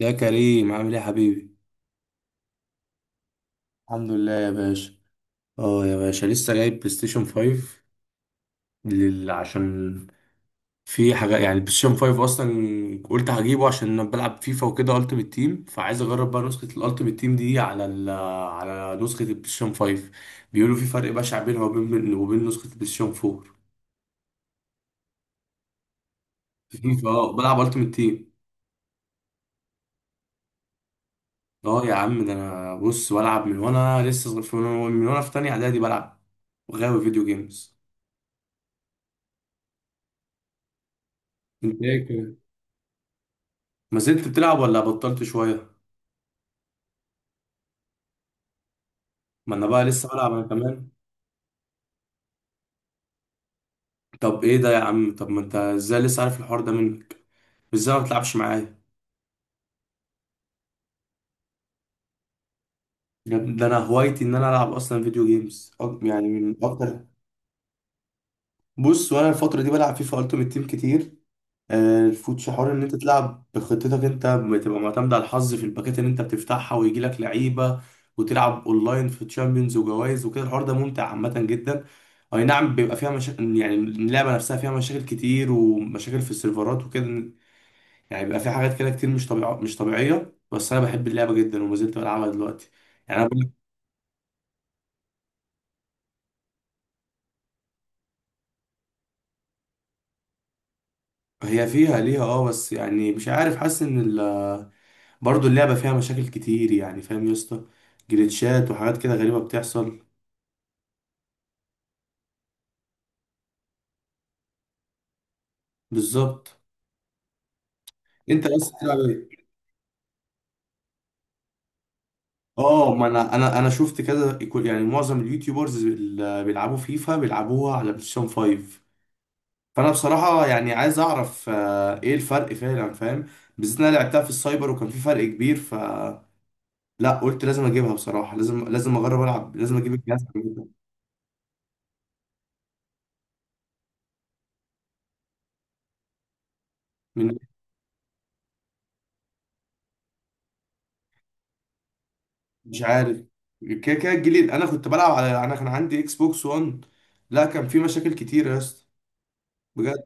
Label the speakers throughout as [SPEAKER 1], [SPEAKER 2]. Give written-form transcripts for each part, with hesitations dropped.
[SPEAKER 1] يا كريم، عامل ايه يا حبيبي؟ الحمد لله يا باشا. اه يا باشا، لسه جايب بلاي ستيشن 5 عشان في حاجه، يعني البلاي ستيشن 5 اصلا قلت هجيبه عشان انا بلعب فيفا وكده التيمت تيم، فعايز اجرب بقى نسخه الالتيمت تيم دي على على نسخه البلاي ستيشن 5. بيقولوا في فرق بشع بينها وبين نسخه البلاي ستيشن 4. في فيفا اه بلعب التيمت تيم. اه يا عم، ده انا بص بلعب من وانا لسه صغير، من وأنا في تانية اعدادي بلعب وغاوي فيديو جيمز. انت ايه، ما زلت بتلعب ولا بطلت شوية؟ ما انا بقى لسه بلعب انا كمان. طب ايه ده يا عم؟ طب ما انت ازاي لسه عارف الحوار ده منك؟ ازاي ما بتلعبش معايا؟ يا ابني ده انا هوايتي ان انا العب اصلا فيديو جيمز، يعني من اكتر. بص وانا الفترة دي بلعب فيفا التيمت تيم كتير. الفوتش، حوار ان انت تلعب بخطتك، انت بتبقى معتمد على الحظ في الباكات اللي انت بتفتحها ويجي لك لعيبه، وتلعب اونلاين في تشامبيونز وجوائز وكده. الحوار ده ممتع عامه جدا. اي نعم، بيبقى فيها مشاكل، يعني اللعبه نفسها فيها مشاكل كتير ومشاكل في السيرفرات وكده. يعني بيبقى فيها حاجات كده كتير، مش طبيعيه مش طبيعيه، بس انا بحب اللعبه جدا وما زلت بلعبها دلوقتي. يعني انا بقول لك، هي فيها ليها اه، بس يعني مش عارف، حاسس ان برضه اللعبه فيها مشاكل كتير، يعني فاهم يا اسطى. جليتشات وحاجات كده غريبه بتحصل. بالظبط. انت بس بتلعب ايه؟ اه ما انا شفت كذا، يعني معظم اليوتيوبرز اللي بيلعبوا فيفا بيلعبوها على بلاي ستيشن 5. فانا بصراحه يعني عايز اعرف ايه الفرق فعلا، فاهم. بالذات إن انا لعبتها في السايبر وكان في فرق كبير. لا قلت لازم اجيبها بصراحه، لازم اجرب العب، لازم اجيب الجهاز عامة. من مش عارف. كده كده الجديد، انا كنت بلعب على انا كان عندي اكس بوكس 1. لا كان في مشاكل كتير يا اسطى، بجد.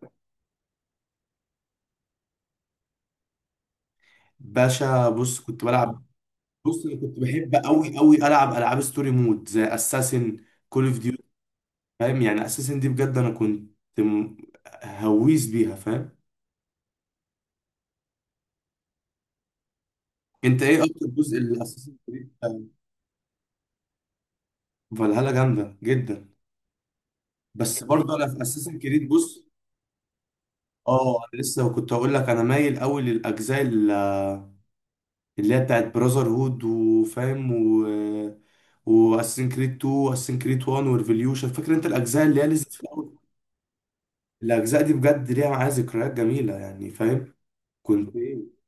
[SPEAKER 1] باشا بص، كنت بلعب. بص انا كنت بحب قوي قوي العب العاب ستوري مود زي اساسن، كول اوف ديوتي. فاهم، يعني اساسن دي بجد انا كنت م- هويس بيها، فاهم. انت ايه اكتر جزء لاساسن كريد؟ فالهالا جامده جدا. بس برضه انا في اساسن كريد، بص. اه انا لسه كنت هقول لك، انا مايل قوي للاجزاء اللي هي بتاعت براذر هود وفاهم، واساسن كريد 2 واساسن كريد 1 وريفوليوشن، فاكر انت الاجزاء اللي هي لسه في الاول. الاجزاء دي بجد ليها معايا ذكريات جميله يعني، فاهم. كنت ايه.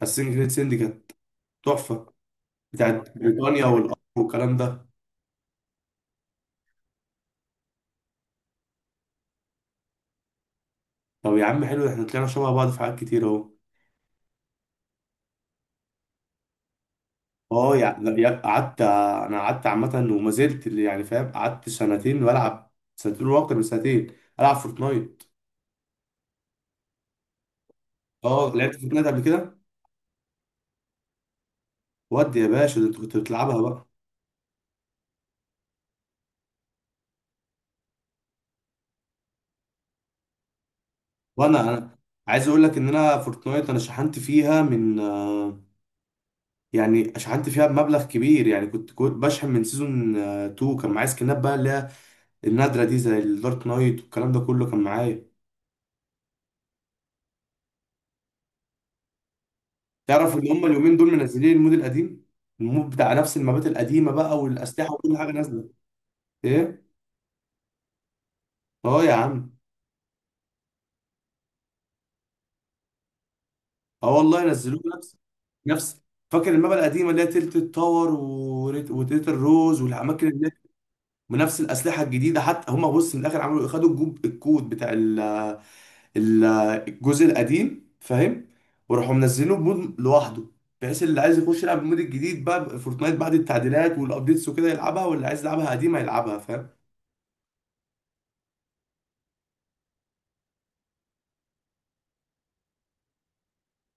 [SPEAKER 1] حاسين جريت سندي كانت تحفه، بتاعت كانت بريطانيا جامدة والقمر والكلام ده. طب يا عم حلو، احنا طلعنا شبه بعض في حاجات كتير اهو. اه لا، قعدت، انا قعدت عامه وما زلت اللي يعني، فاهم، قعدت سنتين بلعب، سنتين واكتر من سنتين العب فورتنايت. اه لعبت فورتنايت قبل كده. ودي يا باشا، ده انت كنت بتلعبها بقى. وانا عايز اقول لك ان انا فورتنايت انا شحنت فيها من يعني شحنت فيها بمبلغ كبير، يعني كنت بشحن من سيزون 2، كان معايا سكنات بقى اللي هي النادرة دي زي الدارك نايت والكلام ده كله كان معايا. تعرف ان هم اليومين دول منزلين المود القديم، المود بتاع نفس المابات القديمة بقى والأسلحة وكل حاجة نازلة. ايه؟ اه يا عم. اه والله، نزلوه نفس. نفس، فاكر المابا القديمة اللي هي تلت التاور، وتلت الروز والأماكن اللي، بنفس الأسلحة الجديدة. حتى هم بص من الآخر عملوا خدوا الكود بتاع ال- الجزء القديم، فاهم. وراحوا منزلينه بمود لوحده، بحيث اللي عايز يخش يلعب المود الجديد بقى فورتنايت بعد التعديلات والابديتس وكده يلعبها، واللي عايز يلعبها قديمه يلعبها، فاهم.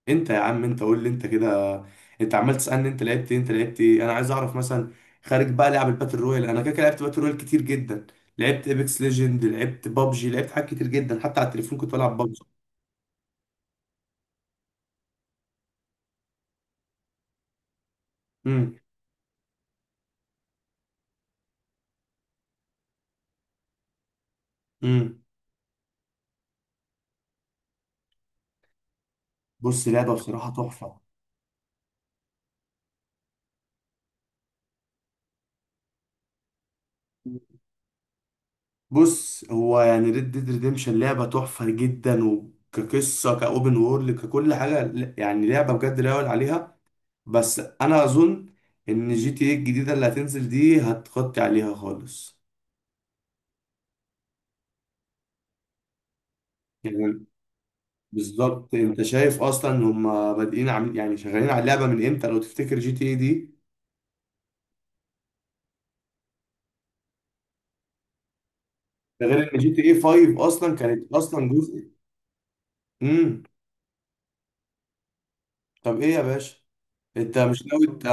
[SPEAKER 1] انت يا عم، انت قول لي انت كده، انت عمال تسالني انت لعبت ايه، انت لعبت ايه. انا عايز اعرف مثلا، خارج بقى لعب الباتل رويال، انا كده كده لعبت باتل رويال كتير جدا، لعبت ايبكس ليجند، لعبت بابجي، لعبت حاجات كتير جدا، حتى على التليفون كنت بلعب بابجي. امم. امم. بص، لعبه بصراحه تحفه. بص هو يعني ريد ديد ريديمشن لعبة تحفة جدا، وكقصة، كأوبن وورلد، ككل حاجة يعني لعبة بجد لا يعلى عليها. بس أنا أظن إن جي تي إيه الجديدة اللي هتنزل دي هتغطي عليها خالص، يعني. بالظبط. أنت شايف أصلا إن هما بادئين عاملين يعني شغالين على اللعبة من إمتى لو تفتكر جي تي إيه دي. ده غير إن جي تي إيه 5 أصلا كانت أصلا جزء. امم. طب إيه يا باشا؟ أنت مش ناوي، أنت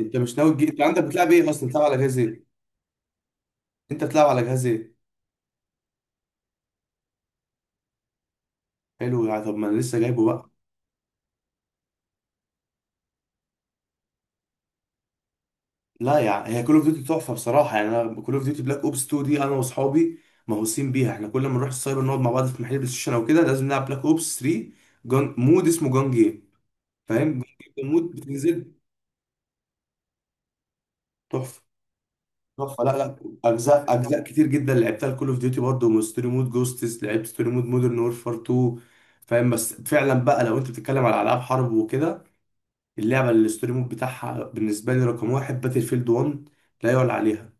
[SPEAKER 1] أنت مش ناوي أنت عندك بتلعب إيه أصلا؟ بتلعب على جهاز إيه؟ أنت بتلعب على جهاز إيه؟ حلو يعني، طب ما انا لسه جايبه بقى. لا يعني هي كول اوف ديوتي تحفه بصراحه، يعني انا كول اوف ديوتي بلاك اوبس 2 دي، انا واصحابي مهووسين بيها، احنا كل ما نروح السايبر نقعد مع بعض في محل بلاي ستيشن او كده لازم نلعب بلاك اوبس 3. مود اسمه جان جيم، فاهم جان جيم ده مود بتنزل. تحفه، تحفه. لا، لا، اجزاء كتير جدا لعبتها الكول اوف ديوتي برضه ستوري مود جوستس، لعبت ستوري مود مودرن وورفار 2، فاهم. بس فعلا بقى لو انت بتتكلم على العاب حرب وكده، اللعبه اللي الستوري مود بتاعها بالنسبه لي رقم واحد باتل فيلد 1، لا يعلى عليها.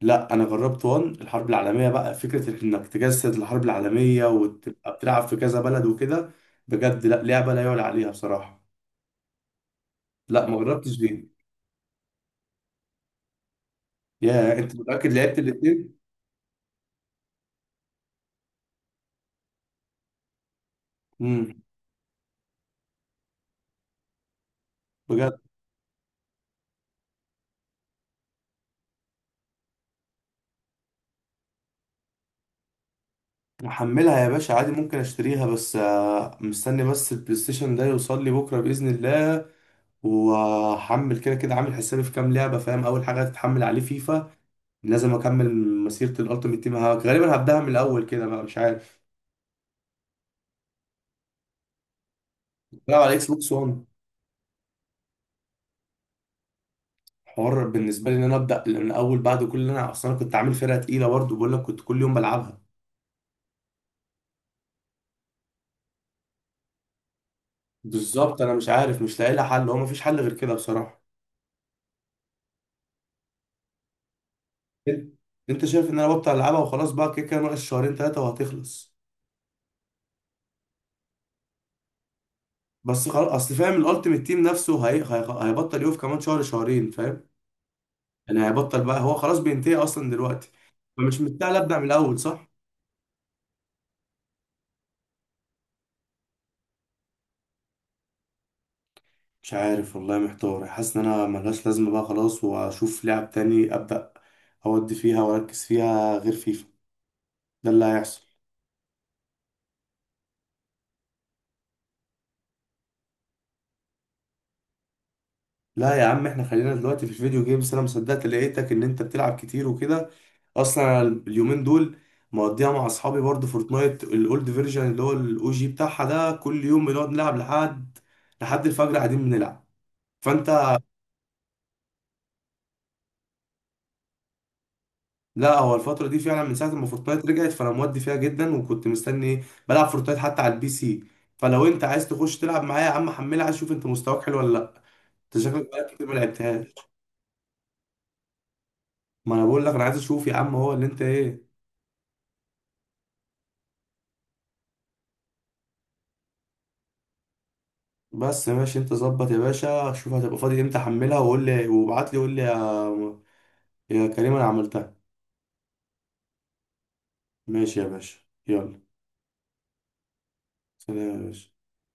[SPEAKER 1] لا انا جربت وان، الحرب العالميه بقى، فكره انك تجسد الحرب العالميه وتبقى بتلعب في كذا بلد وكده، بجد لا، لعبه لا يعلى عليها بصراحه. لا ما جربتش دي. يا انت متاكد لعبت الاثنين؟ امم. بجد. محملها يا باشا عادي، ممكن اشتريها، بس مستني بس البلاي ستيشن ده يوصل لي بكره باذن الله، وهحمل كده كده، عامل حسابي في كام لعبه فاهم. اول حاجه هتتحمل عليه فيفا، لازم اكمل مسيره الالتيميت تيم، غالبا هبداها من الاول كده بقى، مش عارف. بلعب على اكس بوكس. حوار بالنسبه لي ان انا ابدا من اول بعد كل اللي انا اصلا، أنا كنت عامل فرقه تقيله برضه بقول لك، كنت كل يوم بلعبها. بالظبط، انا مش عارف مش لاقي لها حل، هو مفيش حل غير كده بصراحه. انت أنت شايف ان انا ببطل العبها وخلاص بقى، كده كده ناقص شهرين ثلاثه وهتخلص. بس خلاص، اصل فاهم الالتيميت تيم نفسه هيبطل يقف كمان شهر شهرين، فاهم. انا، هيبطل بقى، هو خلاص بينتهي اصلا دلوقتي. فمش مستاهل ابدا من الاول، صح؟ مش عارف والله، محتار، حاسس ان انا ملهاش لازمه بقى خلاص، واشوف لعب تاني ابدا اودي فيها واركز فيها غير فيفا. ده اللي هيحصل. لا يا عم، احنا خلينا دلوقتي في الفيديو جيمز، انا مصدقت لقيتك ان انت بتلعب كتير وكده. اصلا أنا اليومين دول مقضيها مع اصحابي برضه فورتنايت الاولد فيرجن اللي هو الاو جي بتاعها ده، كل يوم بنقعد نلعب لحد الفجر قاعدين بنلعب، فانت. لا هو الفترة دي فعلا من ساعة ما فورتنايت رجعت فانا مودي فيها جدا، وكنت مستني ايه، بلعب فورتنايت حتى على البي سي. فلو انت عايز تخش تلعب معايا يا عم، حملها شوف انت مستواك حلو ولا لا، انت شكلك بقالك كتير ما لعبتهاش. ما انا بقول لك، انا عايز اشوف يا عم هو اللي انت ايه. بس ماشي، انت ظبط يا باشا، شوف هتبقى فاضي امتى، حملها وقول لي وابعت لي وقول لي يا كريم انا عملتها. ماشي يا باشا. يلا، سلام يا باشا.